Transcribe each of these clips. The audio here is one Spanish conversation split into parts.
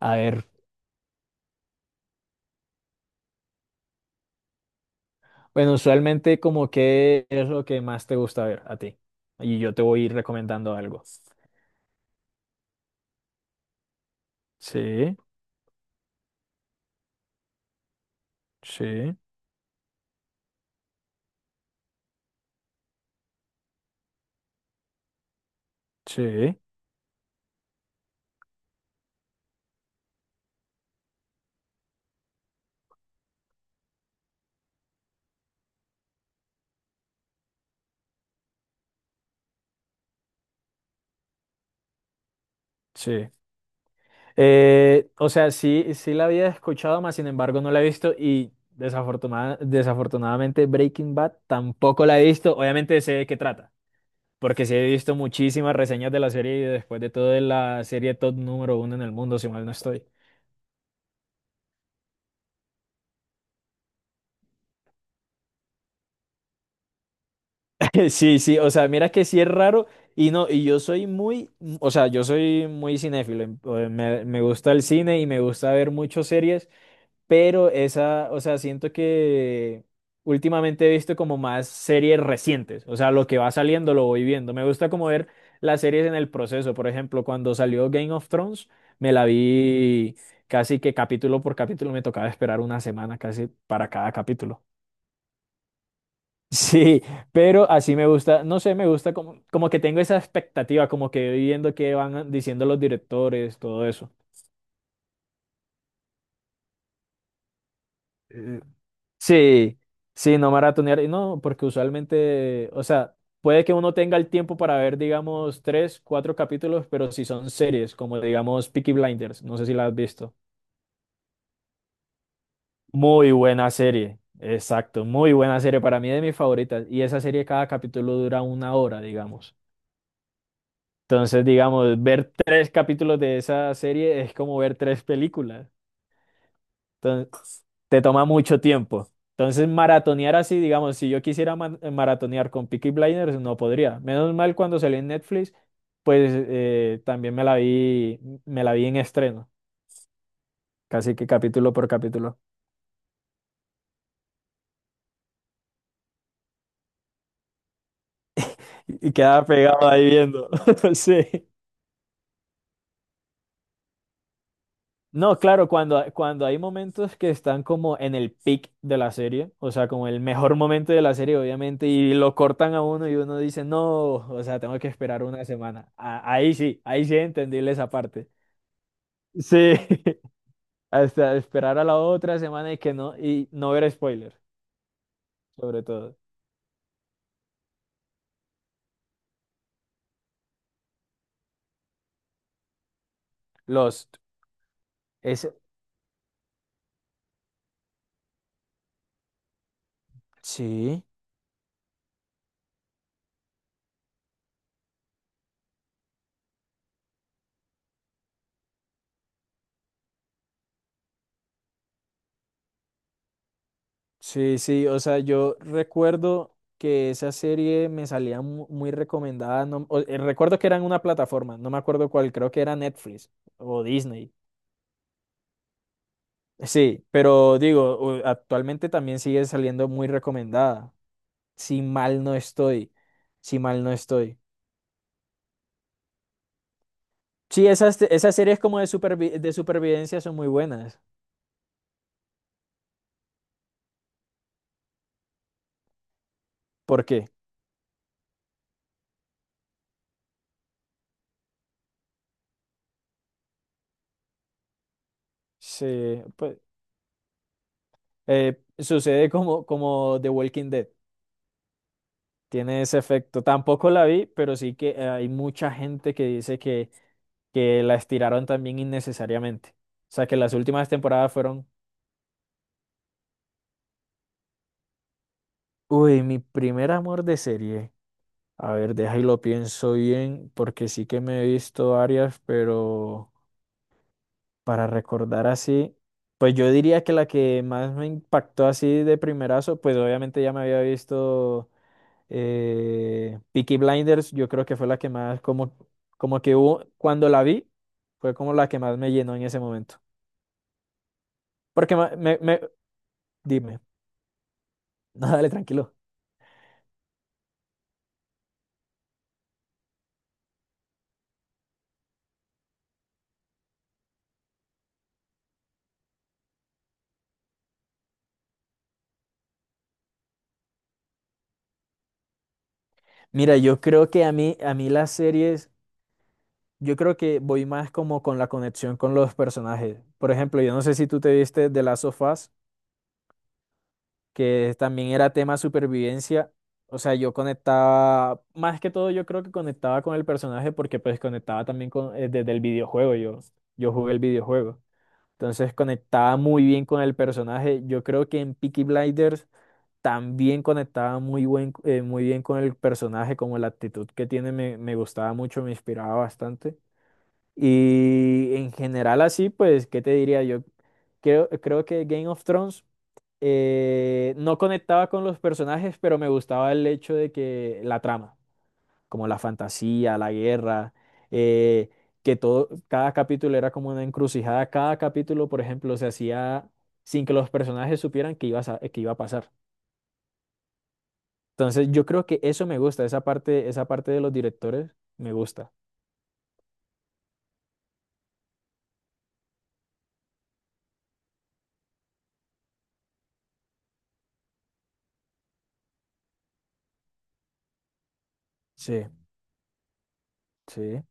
A ver, bueno, usualmente como qué es lo que más te gusta ver a ti. Y yo te voy a ir recomendando algo. Sí, sí, sí, sí. O sea, sí, sí la había escuchado, más sin embargo no la he visto y desafortunadamente Breaking Bad tampoco la he visto. Obviamente sé de qué trata, porque sí he visto muchísimas reseñas de la serie y después de todo es la serie top número uno en el mundo, si mal no estoy. Sí, sí, o sea, mira que sí es raro y no, y yo soy muy, o sea, yo soy muy cinéfilo, me gusta el cine y me gusta ver muchas series, pero esa, o sea, siento que últimamente he visto como más series recientes, o sea, lo que va saliendo lo voy viendo, me gusta como ver las series en el proceso, por ejemplo, cuando salió Game of Thrones, me la vi casi que capítulo por capítulo, me tocaba esperar una semana casi para cada capítulo. Sí, pero así me gusta, no sé, me gusta como, como que tengo esa expectativa, como que viendo qué van diciendo los directores, todo eso. Eh, Sí, sí, no maratonear, y no, porque usualmente, o sea, puede que uno tenga el tiempo para ver, digamos, tres, cuatro capítulos, pero si son series, como digamos Peaky Blinders, no sé si la has visto. Muy buena serie, exacto, muy buena serie, para mí de mis favoritas, y esa serie cada capítulo dura una hora, digamos. Entonces, digamos, ver tres capítulos de esa serie es como ver tres películas. Entonces, te toma mucho tiempo. Entonces, maratonear así, digamos, si yo quisiera maratonear con Peaky Blinders, no podría. Menos mal cuando salió en Netflix, pues también me la vi en estreno, casi que capítulo por capítulo. Y quedaba pegado ahí viendo. Sí. No, claro, cuando hay momentos que están como en el peak de la serie, o sea, como el mejor momento de la serie, obviamente, y lo cortan a uno y uno dice, no, o sea, tengo que esperar una semana. Ahí sí, ahí sí es entendible esa parte. Sí, hasta esperar a la otra semana y que no, y no ver spoilers, sobre todo. Lost. Es, sí. Sí, sí, o sea, yo recuerdo que esa serie me salía muy recomendada. No, o- Recuerdo que era en una plataforma, no me acuerdo cuál, creo que era Netflix o Disney. Sí, pero digo, actualmente también sigue saliendo muy recomendada. Si mal no estoy, si mal no estoy. Sí, esas series como de supervivencia son muy buenas. ¿Por qué? Sí, pues sucede como, como The Walking Dead. Tiene ese efecto. Tampoco la vi, pero sí que hay mucha gente que dice que la estiraron también innecesariamente. O sea, que las últimas temporadas fueron, uy, mi primer amor de serie. A ver, deja y lo pienso bien, porque sí que me he visto varias, pero para recordar así, pues yo diría que la que más me impactó así de primerazo, pues obviamente ya me había visto. Peaky Blinders, yo creo que fue la que más, como, como que hubo, cuando la vi, fue como la que más me llenó en ese momento. Porque dime, no, dale, tranquilo. Mira, yo creo que a mí las series, yo creo que voy más como con la conexión con los personajes. Por ejemplo, yo no sé si tú te viste de las Last of Us, que también era tema supervivencia. O sea, yo conectaba, más que todo yo creo que conectaba con el personaje porque pues conectaba también con, desde el videojuego, yo jugué el videojuego. Entonces conectaba muy bien con el personaje. Yo creo que en Peaky Blinders también conectaba muy bien con el personaje, como la actitud que tiene me gustaba mucho, me inspiraba bastante. Y en general así, pues, ¿qué te diría yo? Creo que Game of Thrones no conectaba con los personajes, pero me gustaba el hecho de que la trama, como la fantasía, la guerra, eh, que todo, cada capítulo era como una encrucijada, cada capítulo, por ejemplo, se hacía sin que los personajes supieran que iba a, que iba a pasar. Entonces, yo creo que eso me gusta, esa parte de los directores me gusta. Sí, sí,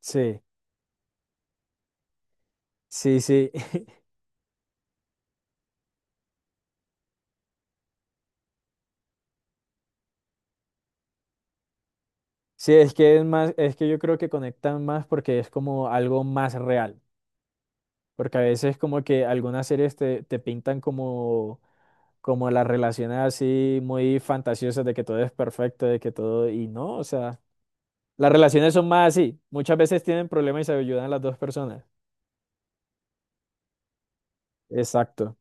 sí, sí, sí. Sí, es que es más, es que yo creo que conectan más porque es como algo más real. Porque a veces como que algunas series te, te pintan como, como las relaciones así muy fantasiosas de que todo es perfecto, de que todo, y no, o sea, las relaciones son más así. Muchas veces tienen problemas y se ayudan las dos personas. Exacto.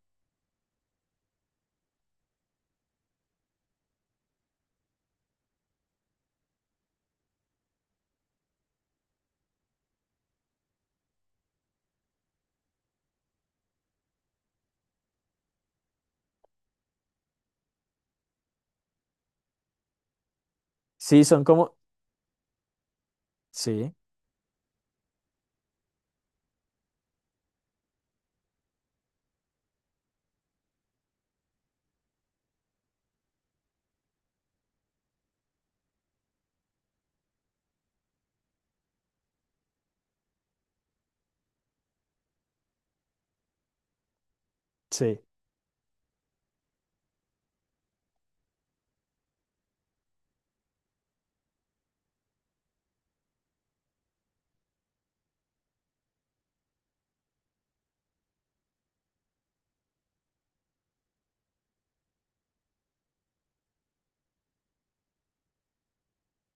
Sí, son como, sí, sí,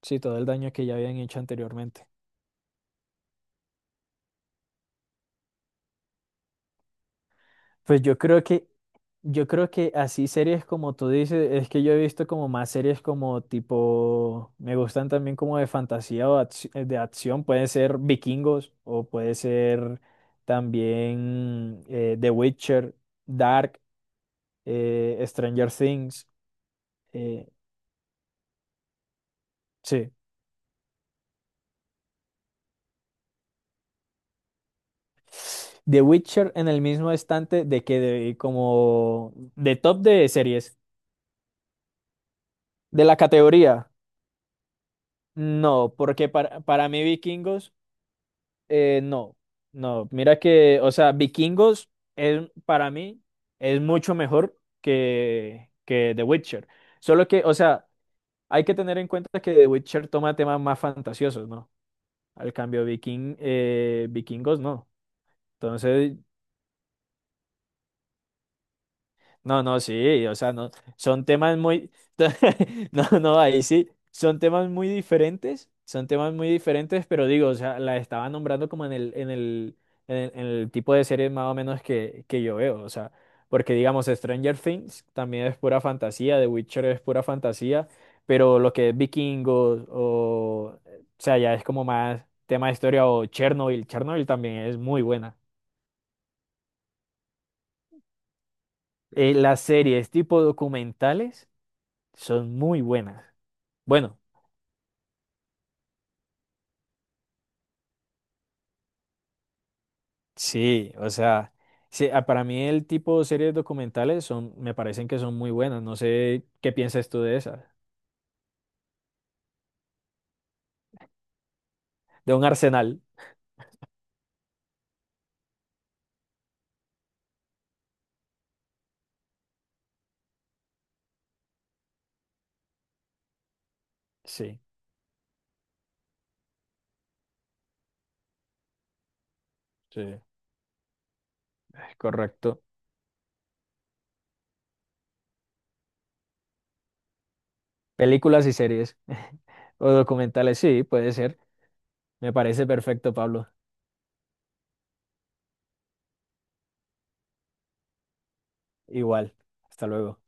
sí, todo el daño que ya habían hecho anteriormente. Pues yo creo que así series como tú dices, es que yo he visto como más series como tipo, me gustan también como de fantasía o de acción, puede ser Vikingos o puede ser también The Witcher, Dark, Stranger Things, eh, sí. The Witcher en el mismo estante de como de top de series, de la categoría. No, porque para mí Vikingos... no, no, mira que, o sea, Vikingos es, para mí es mucho mejor que The Witcher. Solo que, o sea, hay que tener en cuenta que The Witcher toma temas más fantasiosos, ¿no? Al cambio, Vikingos no. Entonces, no, no, sí, o sea, no, son temas muy, no, no, ahí sí, son temas muy diferentes, son temas muy diferentes, pero digo, o sea, la estaba nombrando como en el tipo de series más o menos que yo veo, o sea, porque digamos, Stranger Things también es pura fantasía, The Witcher es pura fantasía, pero lo que es Vikingos o sea, ya es como más tema de historia o Chernobyl, Chernobyl también es muy buena. Las series tipo documentales. Son muy buenas. Bueno, sí, o sea, sí, ah, para mí el tipo de series documentales son, me parecen que son muy buenas. No sé qué piensas tú de esas. De un Arsenal. Sí, sí, correcto. Películas y series o documentales, sí, puede ser. Me parece perfecto, Pablo. Igual. Hasta luego.